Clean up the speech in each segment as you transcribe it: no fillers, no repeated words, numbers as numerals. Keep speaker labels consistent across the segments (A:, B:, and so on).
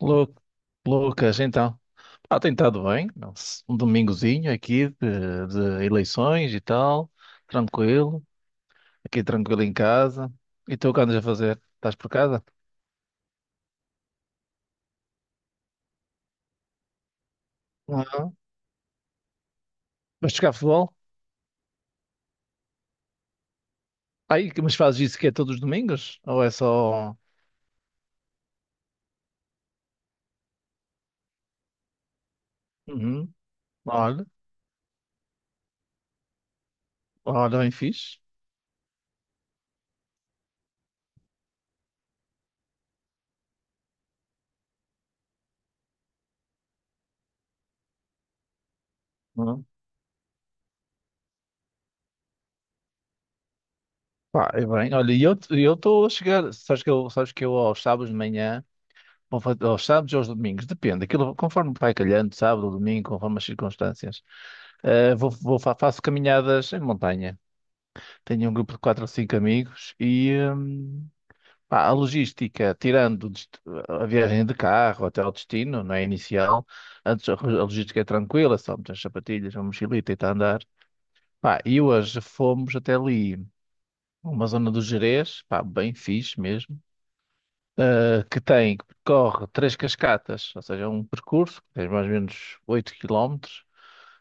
A: Lu- Lucas, então, tem estado bem, um domingozinho aqui de eleições e tal, tranquilo, aqui tranquilo em casa. E tu o que andas a fazer? Estás por casa? Ah, vais jogar futebol? Aí, mas fazes isso que é todos os domingos? Ou é só. Uhum. Olha, olha, bem fixe. Uhum. Pá, é bem, olha, e eu estou a chegar, sabes que eu aos sábados de manhã, ou aos sábados ou aos domingos, depende, aquilo conforme vai calhando, sábado ou domingo, conforme as circunstâncias. Faço caminhadas em montanha. Tenho um grupo de quatro ou cinco amigos e pá, a logística, tirando o a viagem de carro até ao destino, não é inicial, antes a logística é tranquila, só meter as sapatilhas, uma mochilita e está a andar. Pá, e hoje fomos até ali, uma zona do Gerês, pá, bem fixe mesmo, que tem, que percorre três cascatas, ou seja, é um percurso que tem mais ou menos 8 quilómetros.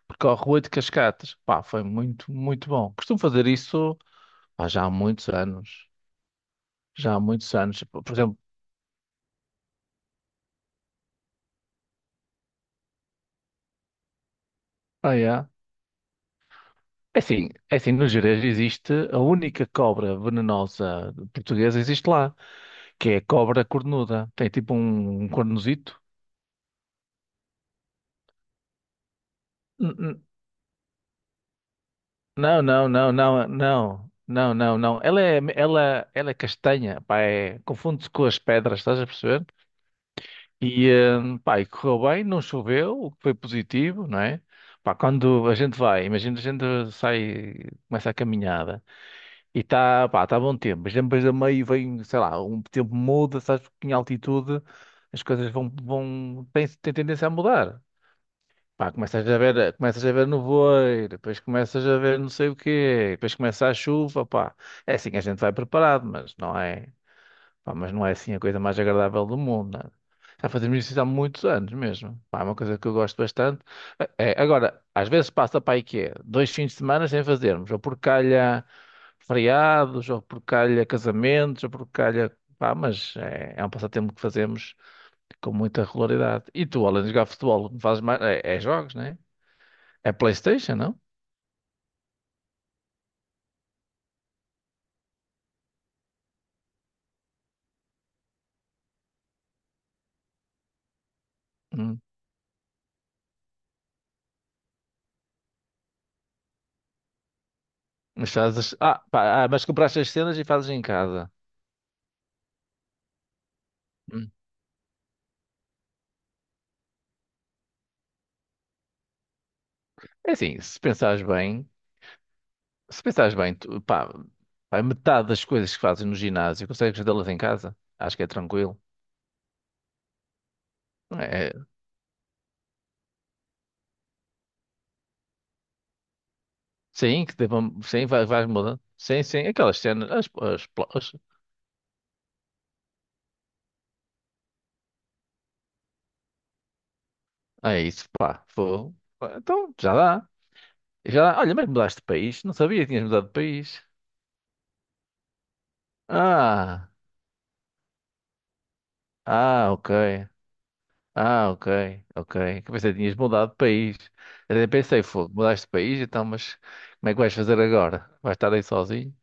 A: Percorre oito cascatas. Pá, foi muito, muito bom. Costumo fazer isso, pá, já há muitos anos. Já há muitos anos. Por exemplo, ah, é. É assim, no Gerês existe a única cobra venenosa portuguesa existe lá, que é a cobra cornuda. Tem tipo um, um cornozito. N- n- Não, não, não, não, não, não, não, não. Ela é, ela é castanha, pá, é, confunde-se com as pedras, estás a perceber? E, pá, e correu bem, não choveu, o que foi positivo, não é? Pá, quando a gente vai, imagina a gente sai, começa a caminhada e está, pá, está bom tempo, mas depois a meio vem, sei lá, um tempo muda, sabes, porque em altitude as coisas vão, têm, têm tendência a mudar. Pá, começas a ver nevoeiro, depois começas a ver não sei o quê, depois começa a chuva, pá. É assim, a gente vai preparado, mas não é. Pá, mas não é assim a coisa mais agradável do mundo, nada. Já fazemos isso há muitos anos mesmo. Pá, é uma coisa que eu gosto bastante. É, é, agora, às vezes passa para aí que é dois fins de semana sem fazermos, ou por calha feriados, ou por calha casamentos, ou por calha. Pá, mas é, é um passatempo que fazemos com muita regularidade. E tu, além de jogar futebol, fazes mais. É, é jogos, né? É PlayStation, não? Hum. Mas fazes. Ah, pá, ah, mas compraste as cenas e fazes em casa. Hum. É assim, se pensares bem. Se pensares bem, pá, pá, metade das coisas que fazes no ginásio consegues fazê-las em casa. Acho que é tranquilo. É, é, sim, que devam, sim, vais mudando. Sim, sim, aquelas cenas, as, é isso, pá, fogo. Então, já dá. Já dá. Olha, mas mudaste de país? Não sabia que tinhas mudado de país. Ah, ah, ok. Ah, ok, ok. Que pensei que tinhas mudado de país. Eu até pensei, fogo, mudaste de país, então, mas como é que vais fazer agora? Vais estar aí sozinho?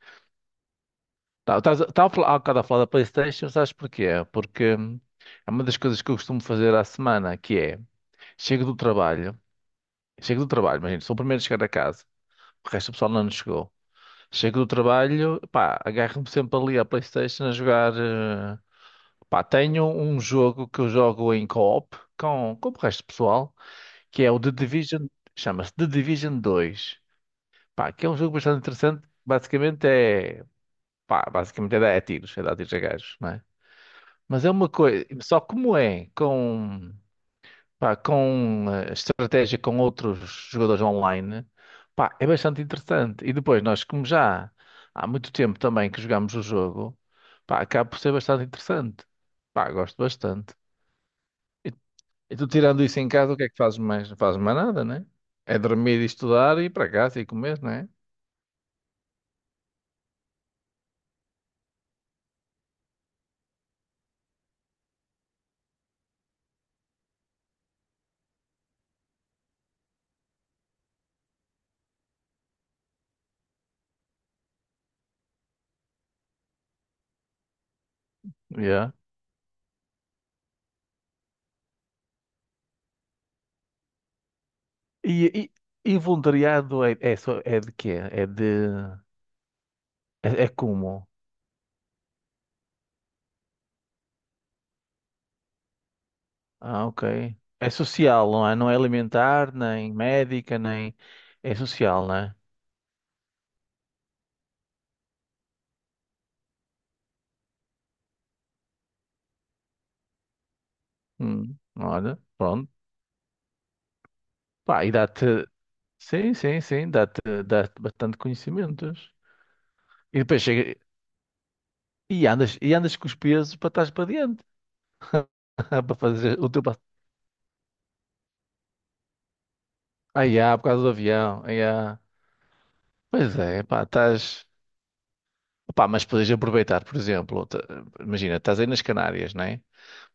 A: Tá, estava a falar, há bocado a falar da PlayStation, sabes porquê? Porque é uma das coisas que eu costumo fazer à semana, que é, chego do trabalho, chego do trabalho, imagina, sou o primeiro a chegar a casa, o resto do pessoal não chegou. Chego do trabalho, pá, agarro-me sempre ali à PlayStation a jogar, pá, tenho um jogo que eu jogo em co-op com o resto do pessoal, que é o The Division, chama-se The Division 2, pá, que é um jogo bastante interessante, basicamente é, pá, basicamente é dar é tiros, é dar tiros a gajos. Mas é uma coisa, só como é com, pá, com estratégia com outros jogadores online, pá, é bastante interessante. E depois nós, como já há muito tempo também que jogamos o jogo, pá, acaba por ser bastante interessante. Pá, gosto bastante. E, e tu tirando isso em casa, o que é que fazes mais? Não fazes mais nada, né? É dormir e estudar e ir para casa e comer, né? Yeah. E, e voluntariado é, é, é de quê? É de... É, é como? Ah, ok. É social, não é? Não é alimentar, nem médica, nem. É social, não é? Olha, pronto. Pá, e dá-te. Sim, sim, sim, dá-te bastante conhecimentos. E depois chega. E andas com os pesos para trás para diante. Para fazer o teu. Ai, ah, por causa do avião. Ai, ah. Pois é, pá, estás. Pá, mas podes aproveitar, por exemplo, imagina, estás aí nas Canárias, não é?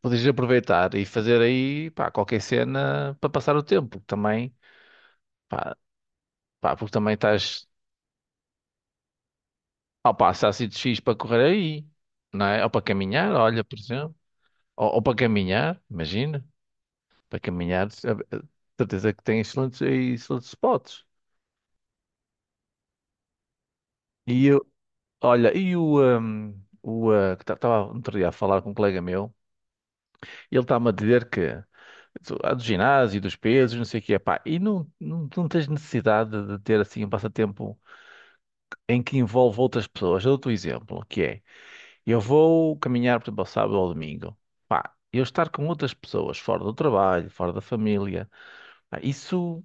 A: Podes aproveitar e fazer aí, pá, qualquer cena para passar o tempo. Também. Pá, pá, porque também estás. Ó pá, se há sítios fixes para correr aí, não é? Ou para caminhar, olha, por exemplo. Ou para caminhar, imagina. Para caminhar, certeza que tem excelentes, aí excelentes spots. E eu, olha, e o. O que estava outro dia a falar com um colega meu, ele está-me a dizer que. Há do ginásio, dos pesos, não sei o que é pá, e não, não, não tens necessidade de ter assim um passatempo em que envolve outras pessoas. Eu dou-te um exemplo, que é. Eu vou caminhar, por exemplo, ao sábado ou ao domingo. Pá, eu estar com outras pessoas, fora do trabalho, fora da família, pá, isso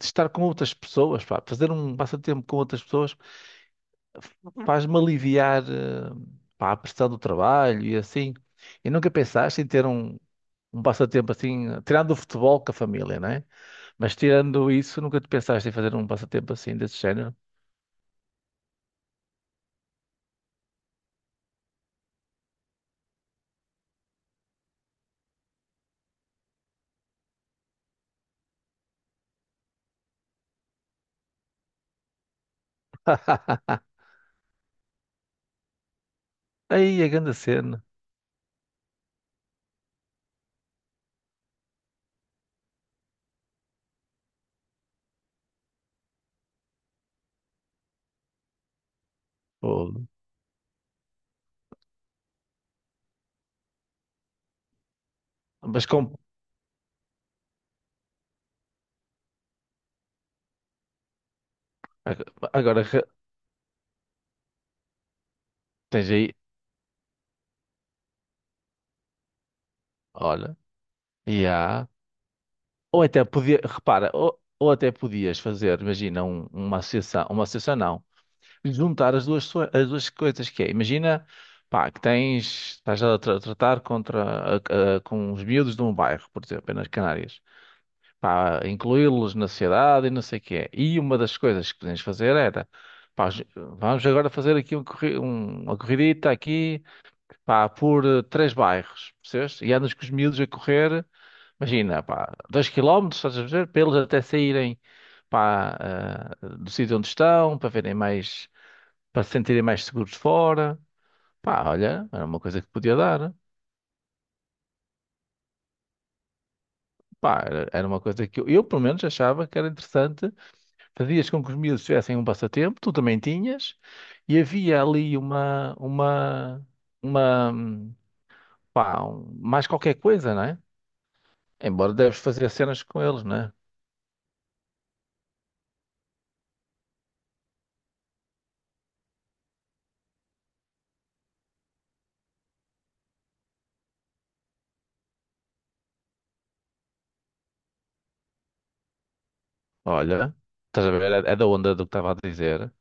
A: de estar com outras pessoas, pá, fazer um passatempo com outras pessoas faz-me aliviar, pá, a pressão do trabalho e assim. E nunca pensaste em ter um, um passatempo assim, tirando o futebol com a família, não é? Mas tirando isso, nunca te pensaste em fazer um passatempo assim desse género? Aí, a grande cena. Fogo. Mas com... Agora re- tens aí. Olha. Yeah. Ou até podia, repara, ou até podias fazer, imagina, uma associação não, juntar as duas, as duas coisas que é, imagina, pá, que tens, estás a tratar contra, com os miúdos de um bairro, por exemplo, nas Canárias, pá, incluí-los na sociedade e não sei o que é. E uma das coisas que podemos fazer era, pá, vamos agora fazer aqui um uma corridita aqui, pá, por três bairros, percebes? E andas com os miúdos a correr. Imagina, pá, 2 quilómetros, estás a ver? Para eles até saírem, pá, ah, do sítio onde estão, para verem mais, para se sentirem mais seguros fora. Pá, olha, era uma coisa que podia dar. Pá, era, era uma coisa que eu, pelo menos, achava que era interessante. Fazias com que os miúdos tivessem um passatempo, tu também tinhas, e havia ali uma, pá, mais qualquer coisa, não é? Embora deves fazer cenas com eles, não é? Olha, estás a ver? É da onda do que estava a dizer.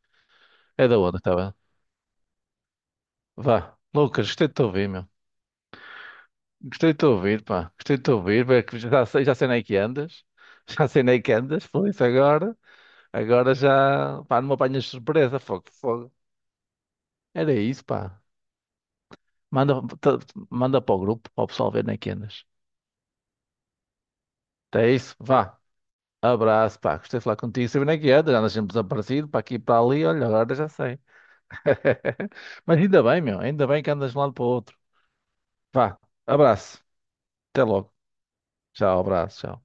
A: É da onda, tá bem? Vá. Lucas, gostei de te ouvir, meu. Gostei de te ouvir, pá. Gostei de te ouvir. Bem, que já sei, já sei nem que andas. Já sei nem que andas. Foi isso agora. Agora já. Pá, não me apanhas de surpresa. Fogo, fogo. Era isso, pá. Manda, tá- manda para o grupo, para o pessoal ver nem que andas. Então é isso, vá. Abraço, pá. Gostei de falar contigo. Sabia nem que andas. Andas sempre desaparecido, para aqui e para ali. Olha, agora já sei. Mas ainda bem, meu. Ainda bem que andas de um lado para o outro. Vá. Abraço. Até logo. Tchau, abraço. Tchau.